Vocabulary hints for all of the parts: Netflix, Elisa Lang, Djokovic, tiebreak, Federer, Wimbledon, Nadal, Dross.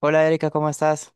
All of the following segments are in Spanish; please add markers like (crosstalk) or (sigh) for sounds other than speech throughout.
Hola Erika, ¿cómo estás?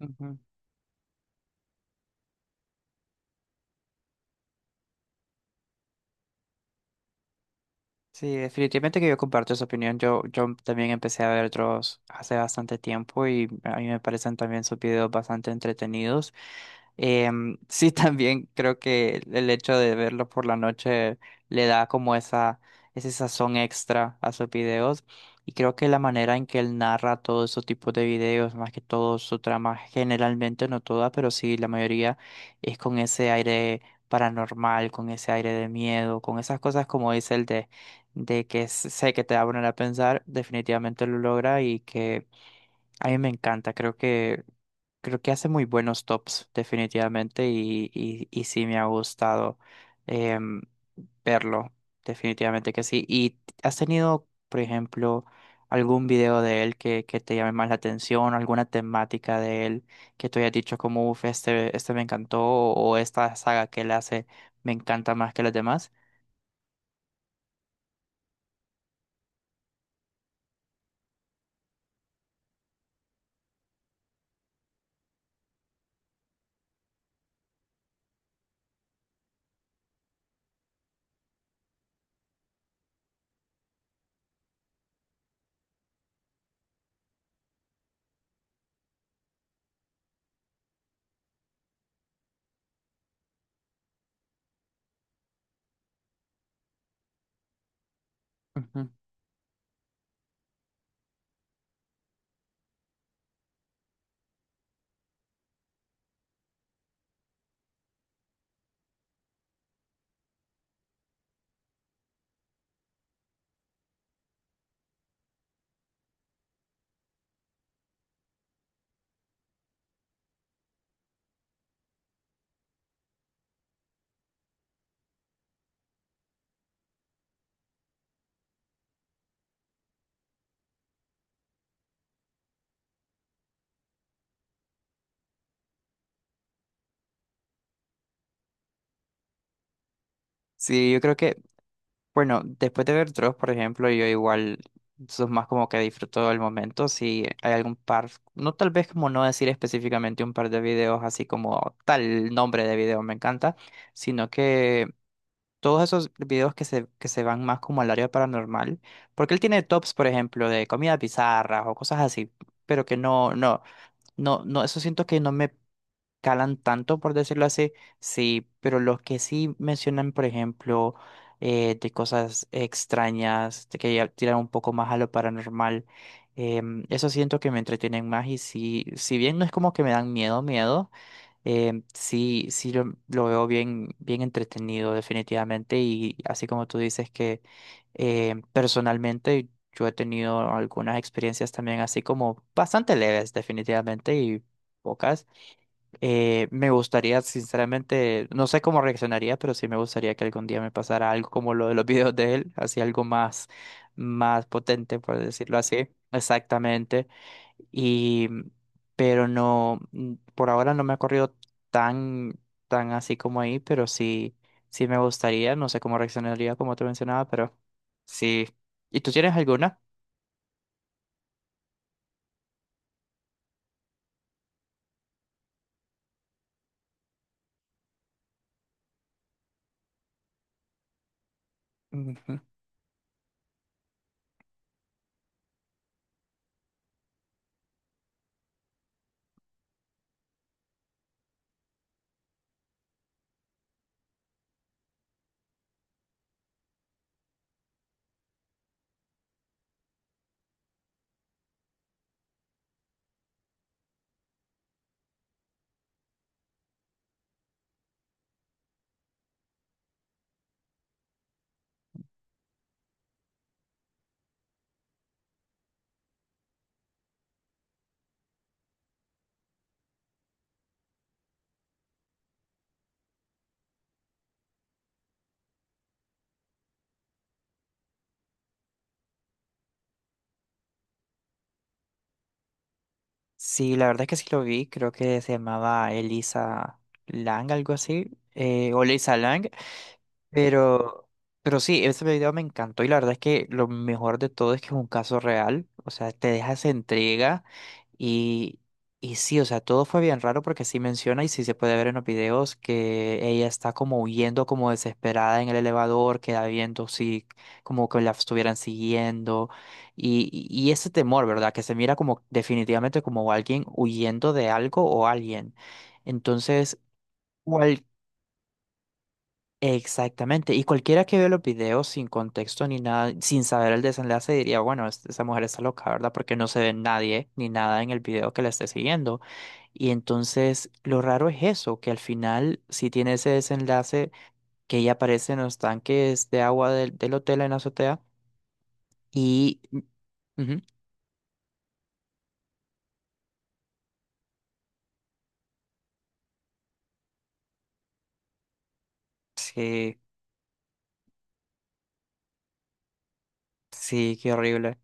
Ujú. Sí, definitivamente que yo comparto esa opinión. Yo también empecé a ver otros hace bastante tiempo y a mí me parecen también sus videos bastante entretenidos. (laughs) Sí, también creo que el hecho de verlo por la noche le da como ese sazón extra a sus videos. Y creo que la manera en que él narra todos esos tipos de videos, más que todo su trama, generalmente, no toda, pero sí la mayoría, es con ese aire paranormal, con ese aire de miedo, con esas cosas como dice de que sé que te va a poner a pensar, definitivamente lo logra y que a mí me encanta. Creo que hace muy buenos tops, definitivamente, y sí me ha gustado em, verlo, definitivamente que sí. ¿Y has tenido, por ejemplo, algún video de él que te llame más la atención, alguna temática de él que tú hayas dicho como, uff, este me encantó, o esta saga que él hace me encanta más que las demás? Ujú. Sí, yo creo que Bueno, después de ver Dross, por ejemplo, yo igual, eso es más como que disfruto del momento. Si hay algún par, no tal vez como no decir específicamente un par de videos así como tal nombre de video me encanta, sino que todos esos videos que se van más como al área paranormal, porque él tiene tops, por ejemplo, de comidas bizarras o cosas así, pero que no, eso siento que no me calan tanto, por decirlo así, sí, pero los que sí mencionan, por ejemplo, de cosas extrañas, de que ya tiran un poco más a lo paranormal, eso siento que me entretienen más y sí, si bien no es como que me dan miedo, miedo, sí, lo veo bien, bien entretenido definitivamente y así como tú dices que personalmente... Yo he tenido algunas experiencias también así como bastante leves definitivamente y pocas, me gustaría, sinceramente, no sé cómo reaccionaría, pero sí me gustaría que algún día me pasara algo como lo de los videos de él, así algo más, más potente, por decirlo así. Exactamente. Y, pero no, por ahora no me ha corrido tan, tan así como ahí, pero sí, sí me gustaría, no sé cómo reaccionaría, como te mencionaba, pero sí. ¿Y tú tienes alguna? Ujú. Sí, la verdad es que sí lo vi, creo que se llamaba Elisa Lang, algo así, o Lisa Lang, pero, pero sí, ese video me encantó y la verdad es que lo mejor de todo es que es un caso real, o sea, te deja esa entrega y, y sí, o sea, todo fue bien raro porque sí menciona y sí se puede ver en los videos que ella está como huyendo como desesperada en el elevador, queda viendo si como que la estuvieran siguiendo y ese temor, ¿verdad? Que se mira como definitivamente como alguien huyendo de algo o alguien. Entonces... cual Exactamente, y cualquiera que ve los videos sin contexto ni nada, sin saber el desenlace, diría, bueno, esa mujer está loca, ¿verdad? Porque no se ve nadie ni nada en el video que la esté siguiendo. Y entonces lo raro es eso, que al final si tiene ese desenlace que ella aparece en los tanques de agua del hotel en la azotea y... ujú, Sí, sí, qué horrible.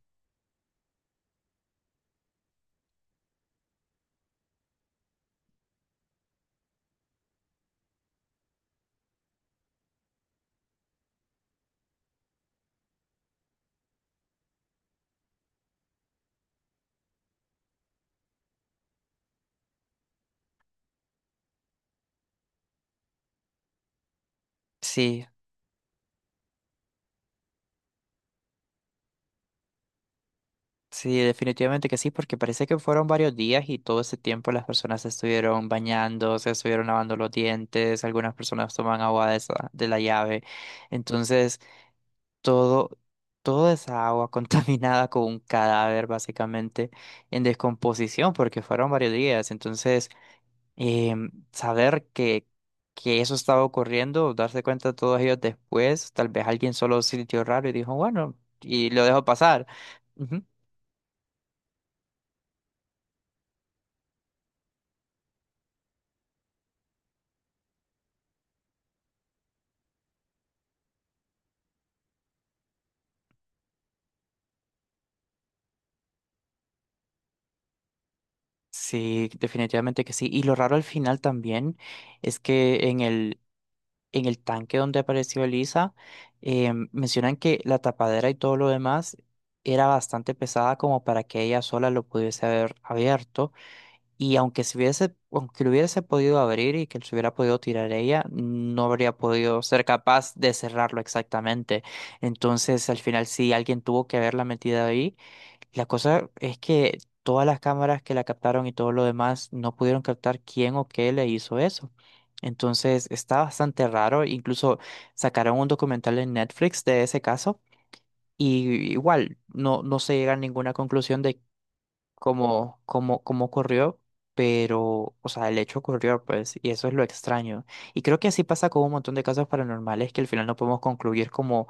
Sí, sí, definitivamente que sí, porque parece que fueron varios días y todo ese tiempo las personas se estuvieron bañando, se estuvieron lavando los dientes, algunas personas toman agua de esa, de la llave. Entonces, todo, toda esa agua (laughs) contaminada con un cadáver básicamente en descomposición, porque fueron varios días. Entonces, saber que eso estaba ocurriendo, darse cuenta todos ellos después, tal vez alguien solo sintió raro y dijo, bueno, y lo dejó pasar. Sí, definitivamente que sí. Y lo raro al final también es que en el tanque donde apareció Elisa, mencionan que la tapadera y todo lo demás era bastante pesada como para que ella sola lo pudiese haber abierto. Y aunque se hubiese, aunque lo hubiese podido abrir y que se hubiera podido tirar ella, no habría podido ser capaz de cerrarlo exactamente. Entonces, al final sí, alguien tuvo que haberla metido ahí. La cosa es que todas las cámaras que la captaron y todo lo demás no pudieron captar quién o qué le hizo eso. Entonces está bastante raro. Incluso sacaron un documental en Netflix de ese caso y igual no, no se llega a ninguna conclusión de cómo ocurrió, pero, o sea, el hecho ocurrió, pues, y eso es lo extraño. Y creo que así pasa con un montón de casos paranormales que al final no podemos concluir como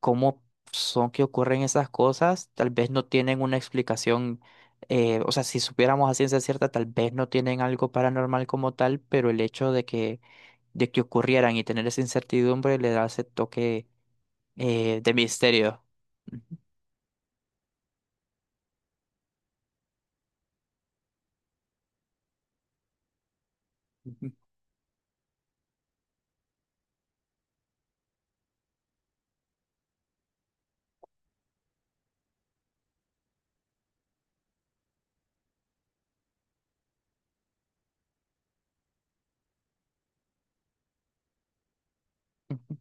cómo son que ocurren esas cosas, tal vez no tienen una explicación, o sea, si supiéramos a ciencia cierta, tal vez no tienen algo paranormal como tal, pero el hecho de de que ocurrieran y tener esa incertidumbre le da ese toque de misterio. Ujú, ujú,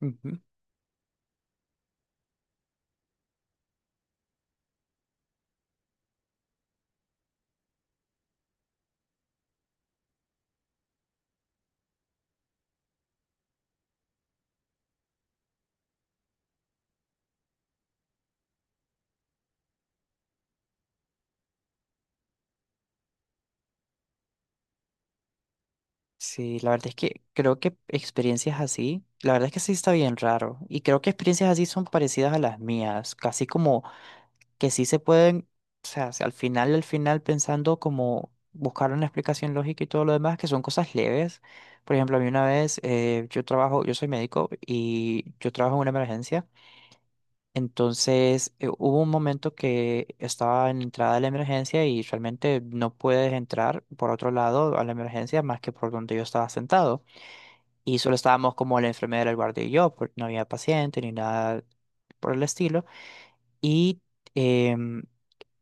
ujú. Sí, la verdad es que creo que experiencias así, la verdad es que sí está bien raro, y creo que experiencias así son parecidas a las mías, casi como que sí se pueden, o sea, si al final, al final pensando como buscar una explicación lógica y todo lo demás, que son cosas leves. Por ejemplo, a mí una vez, yo trabajo, yo soy médico y yo trabajo en una emergencia. Entonces, hubo un momento que estaba en la entrada de la emergencia y realmente no puedes entrar por otro lado a la emergencia más que por donde yo estaba sentado. Y solo estábamos como la enfermera, el guardia y yo, porque no había paciente ni nada por el estilo. Y... em,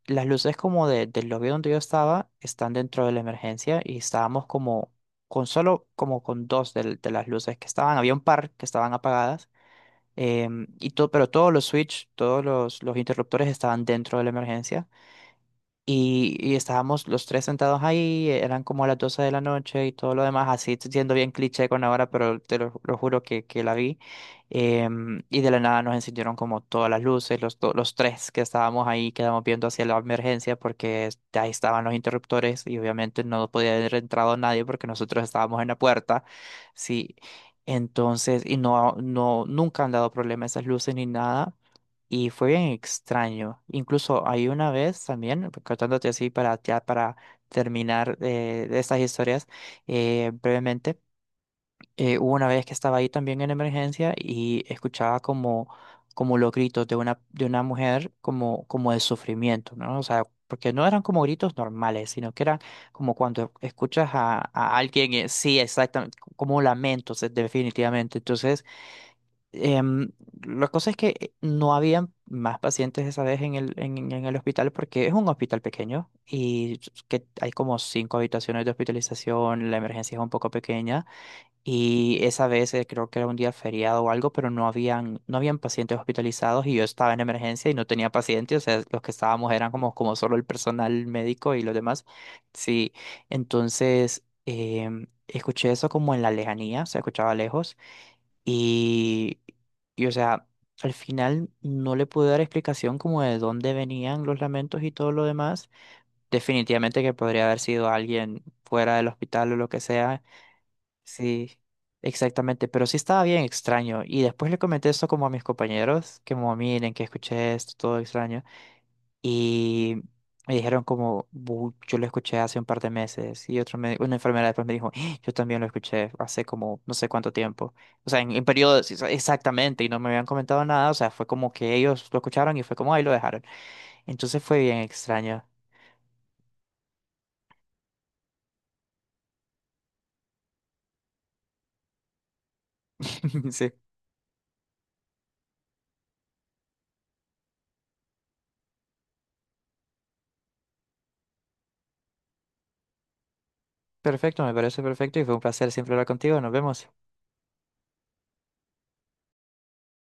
las luces como del lobby donde yo estaba están dentro de la emergencia y estábamos como con solo como con dos las luces que estaban. Había un par que estaban apagadas, y todo, pero todos los switch, todos los interruptores estaban dentro de la emergencia. Y estábamos los tres sentados ahí, eran como las 12 de la noche y todo lo demás, así siendo bien cliché con ahora, pero te lo juro que la vi. Em, y de la nada nos encendieron como todas las luces, los tres que estábamos ahí, quedamos viendo hacia la emergencia porque ahí estaban los interruptores y obviamente no podía haber entrado nadie porque nosotros estábamos en la puerta. Sí, entonces, no, nunca han dado problema esas luces ni nada. Y fue bien extraño. Incluso hay una vez también, contándote así para, ya para terminar de estas historias brevemente, hubo una vez que estaba ahí también en emergencia y escuchaba como, como los gritos de una mujer como, como de sufrimiento, ¿no? O sea, porque no eran como gritos normales, sino que eran como cuando escuchas a alguien, sí, exactamente, como lamentos, definitivamente. Entonces... Em, la cosa es que no había más pacientes esa vez en el hospital porque es un hospital pequeño y que hay como cinco habitaciones de hospitalización, la emergencia es un poco pequeña y esa vez, creo que era un día feriado o algo, pero no habían pacientes hospitalizados y yo estaba en emergencia y no tenía pacientes, o sea, los que estábamos eran como, como solo el personal médico y los demás. Sí, entonces... escuché eso como en la lejanía, se escuchaba lejos y, y, o sea, al final no le pude dar explicación como de dónde venían los lamentos y todo lo demás. Definitivamente que podría haber sido alguien fuera del hospital o lo que sea. Sí, exactamente. Pero sí estaba bien extraño. Y después le comenté esto como a mis compañeros, que como miren, que escuché esto, todo extraño. Y me dijeron como, "Bu, yo lo escuché hace un par de meses". Y otro una enfermera después me dijo, "Ah, yo también lo escuché hace como no sé cuánto tiempo". O sea, en periodos exactamente, y no me habían comentado nada. O sea, fue como que ellos lo escucharon y fue como, ahí lo dejaron. Entonces fue bien extraño. (laughs) Sí, perfecto, me parece perfecto y fue un placer siempre hablar contigo. Nos vemos.